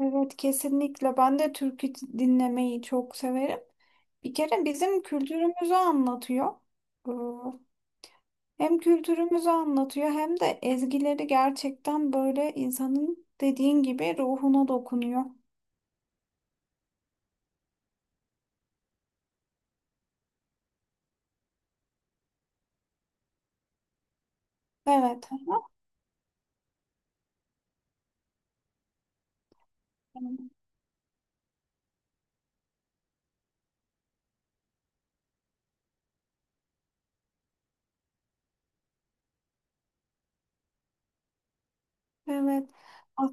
Evet kesinlikle. Ben de türkü dinlemeyi çok severim. Bir kere bizim kültürümüzü anlatıyor. Ee, Hem kültürümüzü anlatıyor hem de ezgileri gerçekten böyle insanın dediğin gibi ruhuna dokunuyor. Evet. Evet. A-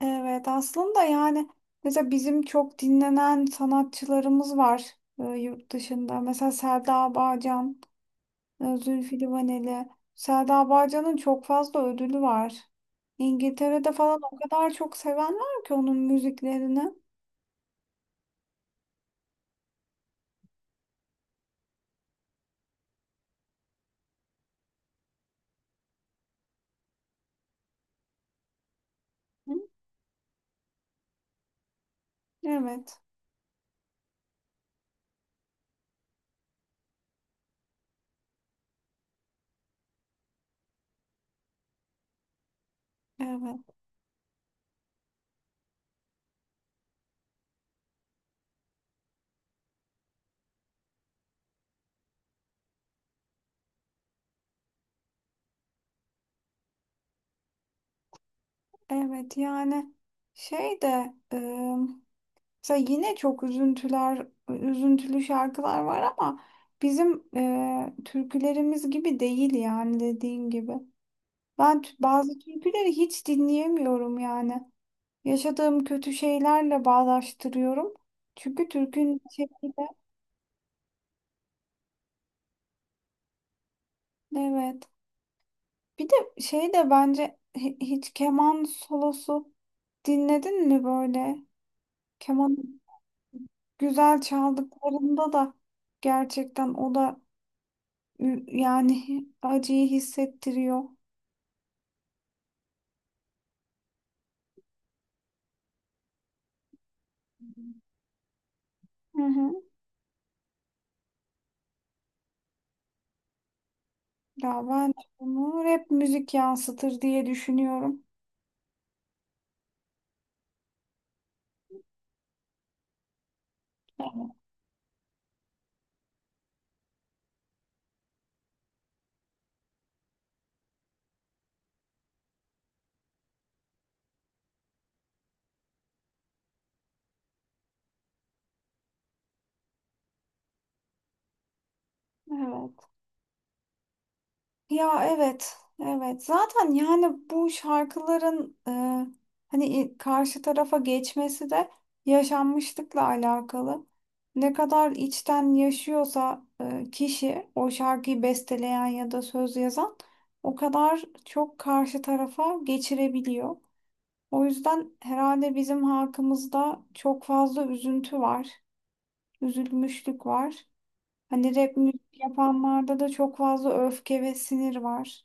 Evet aslında yani mesela bizim çok dinlenen sanatçılarımız var yurt dışında. Mesela Selda Bağcan. Zülfü Livaneli. Selda Bağcan'ın çok fazla ödülü var. İngiltere'de falan o kadar çok seven var ki onun müziklerini. Hı? Evet, evet, evet. Yani şey de mesela yine çok üzüntüler, üzüntülü şarkılar var ama bizim türkülerimiz gibi değil yani dediğin gibi. Ben bazı türküleri hiç dinleyemiyorum yani. Yaşadığım kötü şeylerle bağdaştırıyorum. Çünkü türkünün şeyiyle evet. Bir de şey de bence hiç keman solosu dinledin mi böyle? Keman güzel çaldıklarında da gerçekten o da yani acıyı hissettiriyor. Hı hı. Ya ben bunu rap müzik yansıtır diye düşünüyorum. Evet. Ya evet, evet. Zaten yani bu şarkıların hani karşı tarafa geçmesi de yaşanmışlıkla alakalı. Ne kadar içten yaşıyorsa kişi o şarkıyı besteleyen ya da söz yazan o kadar çok karşı tarafa geçirebiliyor. O yüzden herhalde bizim halkımızda çok fazla üzüntü var, üzülmüşlük var. Hani rap müzik yapanlarda da çok fazla öfke ve sinir var.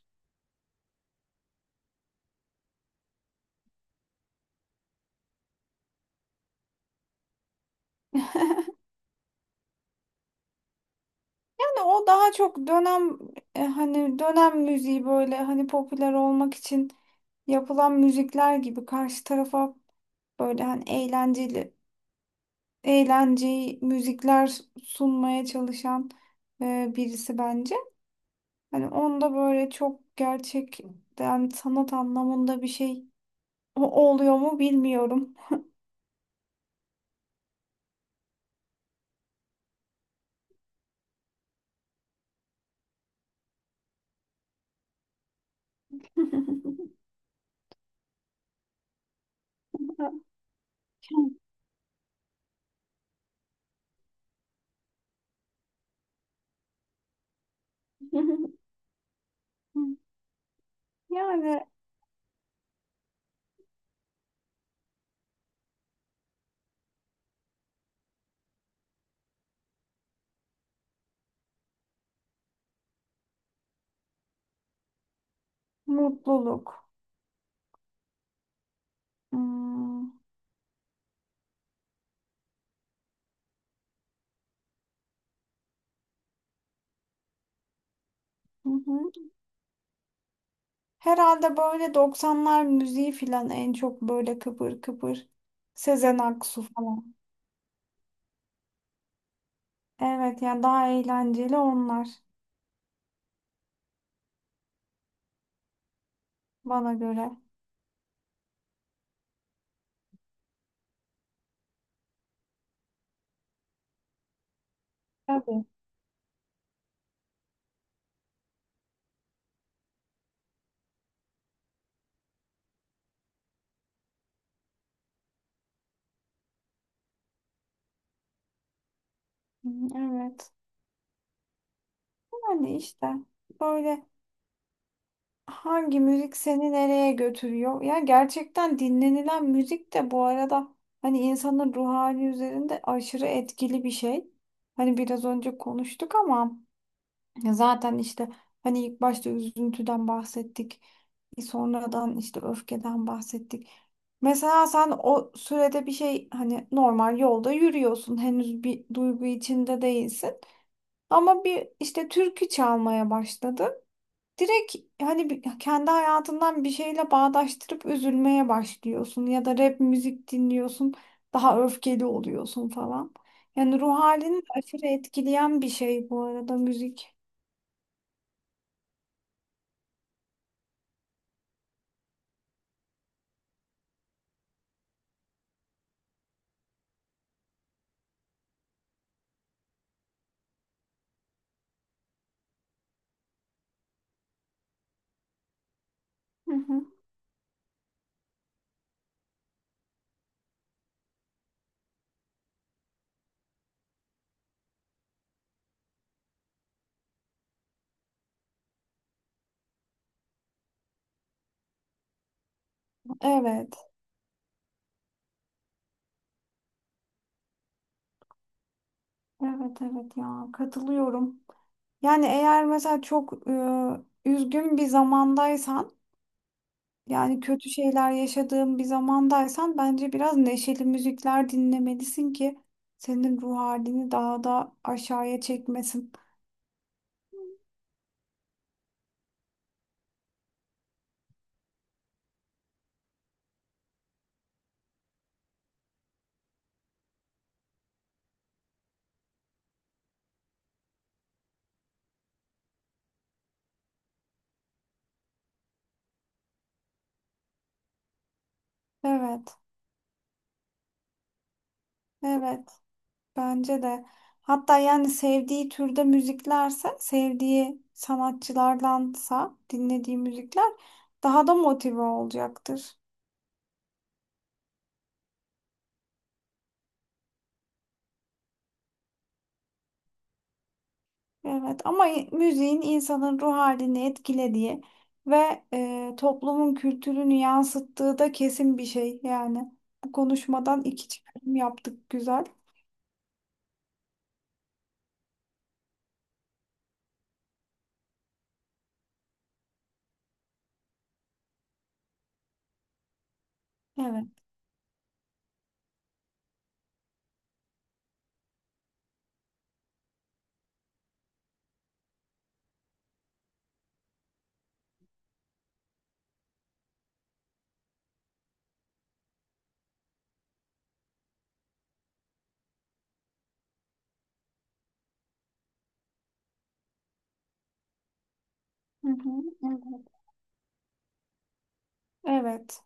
Yani o daha çok dönem hani dönem müziği böyle hani popüler olmak için yapılan müzikler gibi karşı tarafa böyle hani eğlenceli eğlenceyi müzikler sunmaya çalışan birisi bence. Hani onda böyle çok gerçekten sanat anlamında bir şey oluyor mu bilmiyorum. Yani mutluluk. Hmm. Herhalde böyle 90'lar müziği filan en çok böyle kıpır kıpır. Sezen Aksu falan. Evet yani daha eğlenceli onlar bana göre. Tabii. Hı, evet. Yani işte böyle hangi müzik seni nereye götürüyor? Ya gerçekten dinlenilen müzik de bu arada hani insanın ruh hali üzerinde aşırı etkili bir şey. Hani biraz önce konuştuk ama ya zaten işte hani ilk başta üzüntüden bahsettik. Sonradan işte öfkeden bahsettik. Mesela sen o sürede bir şey hani normal yolda yürüyorsun. Henüz bir duygu içinde değilsin. Ama bir işte türkü çalmaya başladın. Direkt hani kendi hayatından bir şeyle bağdaştırıp üzülmeye başlıyorsun. Ya da rap müzik dinliyorsun. Daha öfkeli oluyorsun falan. Yani ruh halini de aşırı etkileyen bir şey bu arada müzik. Evet, evet, evet ya katılıyorum. Yani eğer mesela çok üzgün bir zamandaysan, yani kötü şeyler yaşadığın bir zamandaysan bence biraz neşeli müzikler dinlemelisin ki senin ruh halini daha da aşağıya çekmesin. Evet. Evet, bence de. Hatta yani sevdiği türde müziklerse, sevdiği sanatçılardansa dinlediği müzikler daha da motive olacaktır. Evet, ama müziğin insanın ruh halini etkilediği ve toplumun kültürünü yansıttığı da kesin bir şey. Yani bu konuşmadan iki çıkarım yaptık güzel. Evet. Hı hı, evet. Evet.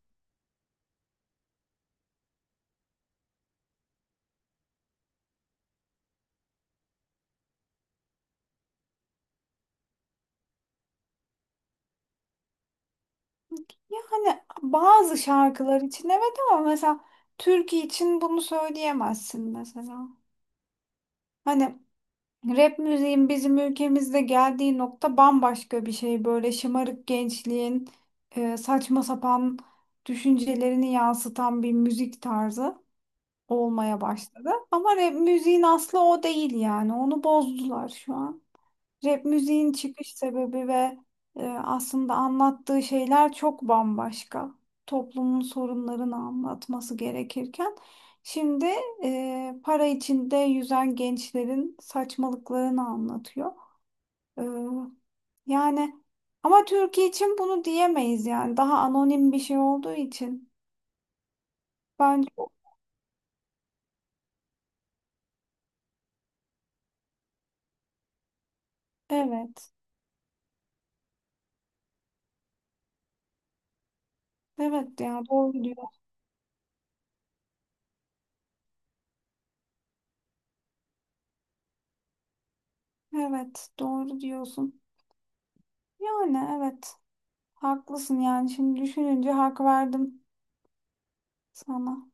Yani bazı şarkılar için evet ama mesela türkü için bunu söyleyemezsin mesela. Hani rap müziğin bizim ülkemizde geldiği nokta bambaşka bir şey. Böyle şımarık gençliğin saçma sapan düşüncelerini yansıtan bir müzik tarzı olmaya başladı. Ama rap müziğin aslı o değil yani. Onu bozdular şu an. Rap müziğin çıkış sebebi ve aslında anlattığı şeyler çok bambaşka. Toplumun sorunlarını anlatması gerekirken şimdi para içinde yüzen gençlerin saçmalıklarını anlatıyor. E, Yani ama Türkiye için bunu diyemeyiz yani daha anonim bir şey olduğu için bence evet. Evet ya doğru diyor. Evet doğru diyorsun. Yani evet haklısın yani şimdi düşününce hak verdim. Sana.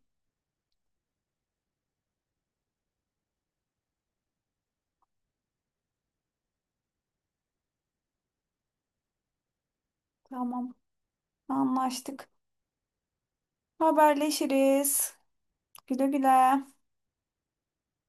Tamam. Anlaştık. Haberleşiriz. Güle güle.